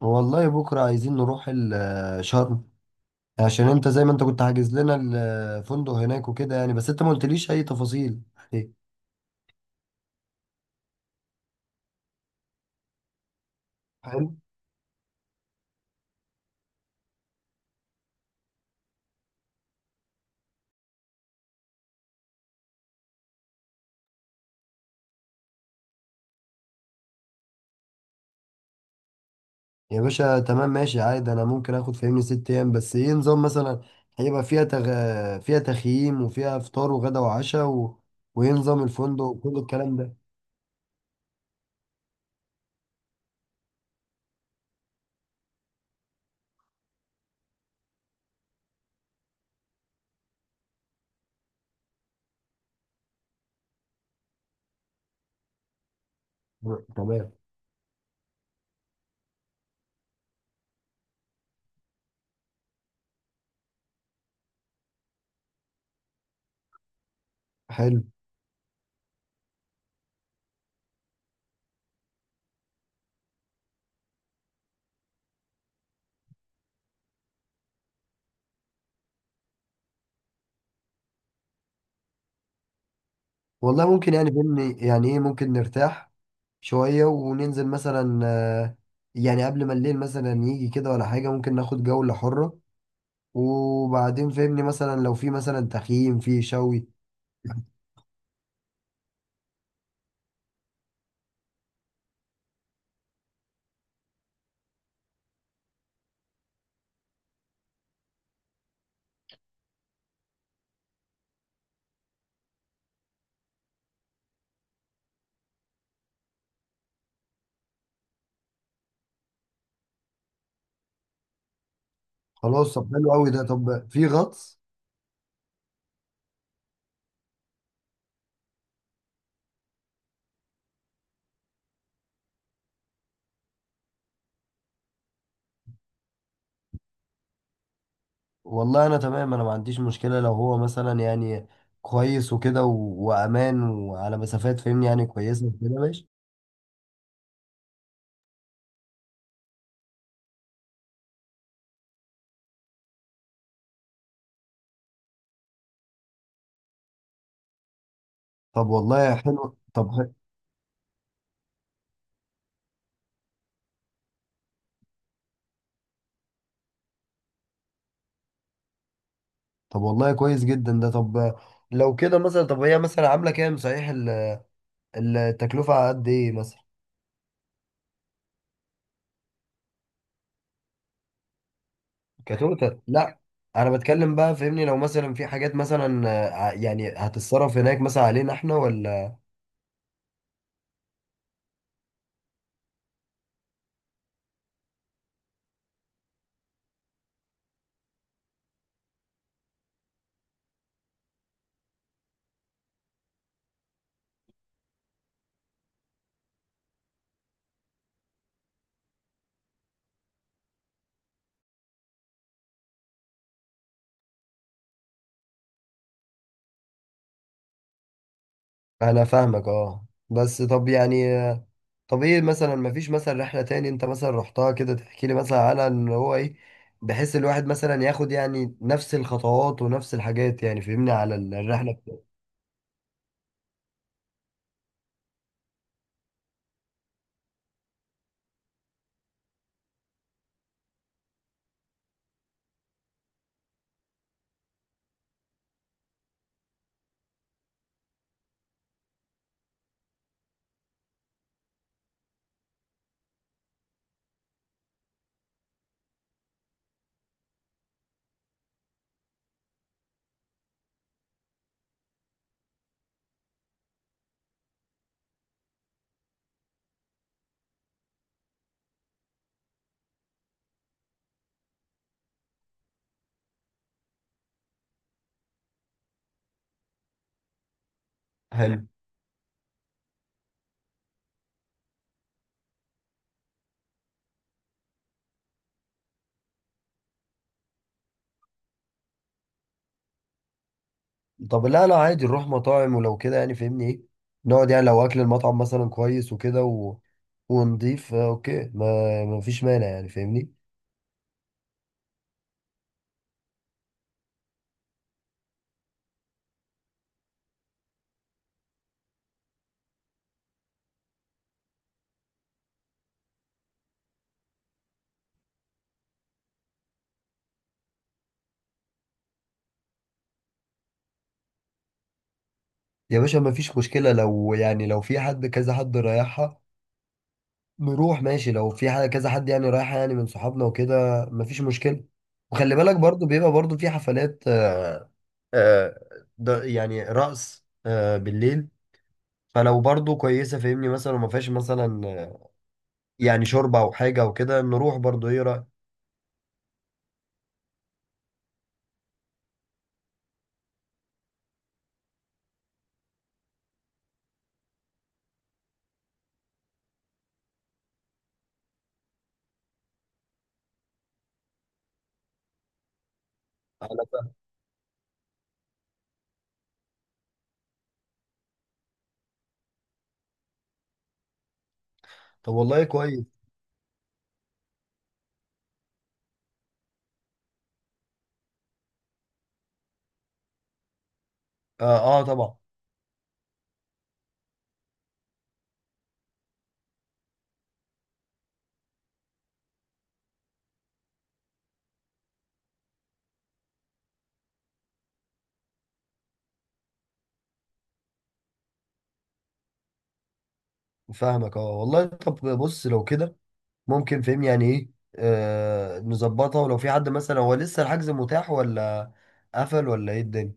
والله بكرة عايزين نروح شرم، عشان انت زي ما انت كنت حاجز لنا الفندق هناك وكده يعني. بس انت ما قلتليش اي تفاصيل، ايه؟ حلو. يا باشا تمام ماشي عادي، انا ممكن اخد فهمني 6 ايام. بس ايه نظام مثلا؟ هيبقى فيها فيها تخييم وفيها فطار وغدا وعشاء وايه نظام الفندق وكل الكلام ده؟ تمام. حلو. والله ممكن، يعني فهمني يعني ايه، ممكن نرتاح شوية وننزل مثلا، يعني قبل ما الليل مثلا يجي كده ولا حاجة ممكن ناخد جولة حرة. وبعدين فهمني مثلا لو في مثلا تخييم في شوي. خلاص طب حلو قوي ده. طب في غطس؟ والله انا تمام، انا ما عنديش مشكلة لو هو مثلا يعني كويس وكده وامان وعلى مسافات فهمني يعني كويسة وكده ماشي. طب والله حلو. طب طب والله كويس جدا ده. طب لو كده مثلا، طب هي مثلا عاملة كام صحيح التكلفة على قد ايه مثلا؟ كتوتال؟ لا انا بتكلم بقى فهمني، لو مثلا في حاجات مثلا، يعني هتتصرف هناك مثلا علينا احنا ولا؟ انا فاهمك اه. بس طب يعني طب ايه مثلا، ما فيش مثلا رحلة تاني انت مثلا رحتها كده تحكي لي مثلا عنها ان هو ايه، بحيث الواحد مثلا ياخد يعني نفس الخطوات ونفس الحاجات، يعني فهمني على الرحلة بتاعته. حلو. طب لا لا عادي نروح مطاعم ولو كده يعني فهمني ايه، نقعد يعني لو اكل المطعم مثلا كويس وكده ونضيف، اوكي، ما ما فيش مانع يعني فاهمني. يا باشا ما فيش مشكلة لو يعني، لو في حد كذا حد رايحها نروح ماشي. لو في حاجة كذا حد يعني رايح يعني من صحابنا وكده مفيش مشكلة. وخلي بالك برضو بيبقى برضو في حفلات، آه، ده يعني رقص بالليل. فلو برضو كويسة فاهمني مثلا وما فيهاش مثلا، يعني شوربة أو حاجة أو كده نروح برضو، إيه رأيك؟ على- طب والله كويس. آه, آه طبعا. فاهمك آه والله. طب بص لو كده ممكن فاهمني يعني إيه، آه نظبطها. ولو في حد مثلا هو لسه الحجز متاح ولا قفل، ولا إيه الدنيا؟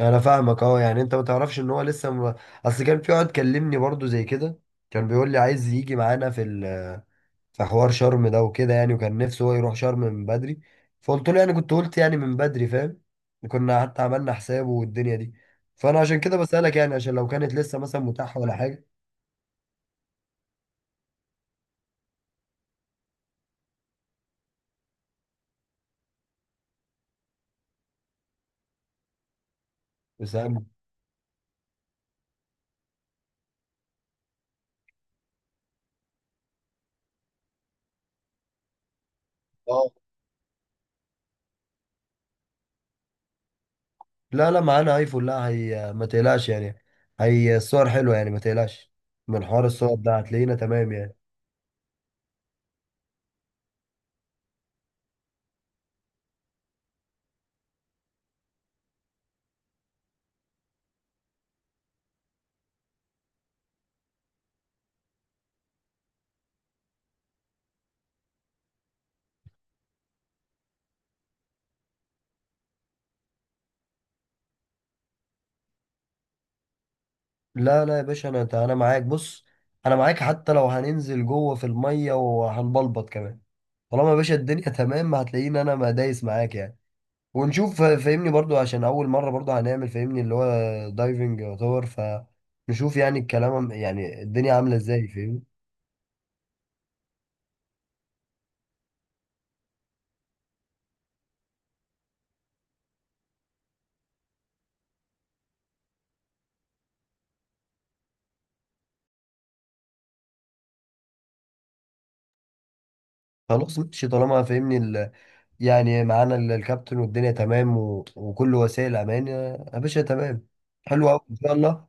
انا فاهمك اه. يعني انت ما تعرفش ان هو اصل كان في واحد كلمني برضو زي كده، كان بيقول لي عايز يجي معانا في في حوار شرم ده وكده يعني، وكان نفسه هو يروح شرم من بدري. فقلت له يعني كنت قلت يعني من بدري فاهم. كنا حتى عملنا حسابه والدنيا دي. فانا عشان كده بسألك يعني، عشان لو كانت لسه مثلا متاحة ولا حاجة. بس أنا- اه لا لا معانا ايفون. لا هي ما تقلقش يعني، هي الصور حلوة يعني ما تقلقش. من حوار الصور ده هتلاقينا تمام يعني. لا لا يا باشا انا معاك. بص انا معاك حتى لو هننزل جوه في الميه وهنبلبط كمان. طالما يا باشا الدنيا تمام هتلاقيني انا ما دايس معاك يعني. ونشوف فاهمني برضو عشان اول مره برضو هنعمل فاهمني اللي هو دايفنج يعتبر، فنشوف يعني الكلام، يعني الدنيا عامله ازاي فاهمني. خلاص ماشي. طالما فاهمني يعني معانا الكابتن والدنيا تمام وكل وسائل امان، يا باشا تمام. حلو قوي ان شاء الله.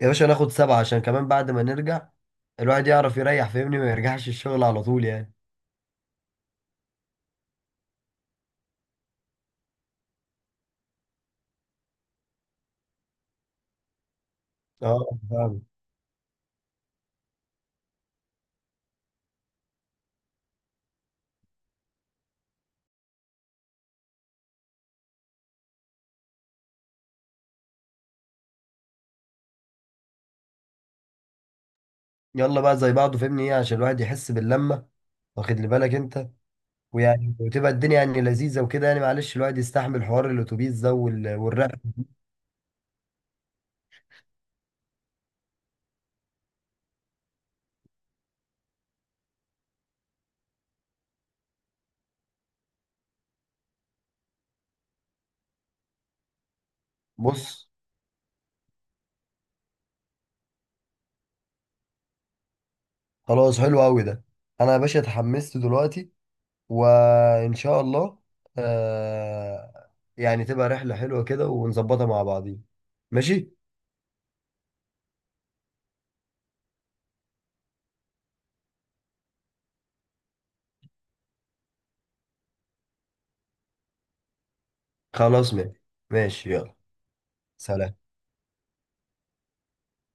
يا باشا ناخد 7 عشان كمان بعد ما نرجع الواحد يعرف يريح فاهمني، ما يرجعش الشغل على طول يعني. اه فاهم. يلا بقى زي بعضه فاهمني ايه عشان الواحد يحس باللمة. واخد لي بالك انت؟ ويعني وتبقى الدنيا يعني لذيذة وكده يعني، معلش الواحد يستحمل حوار الاتوبيس ده والرحلة. بص خلاص حلو قوي ده. انا يا باشا اتحمست دلوقتي وان شاء الله. آه، يعني تبقى رحلة حلوة كده ونظبطها مع بعضين ماشي. خلاص ماشي. ماشي يلا. سلام.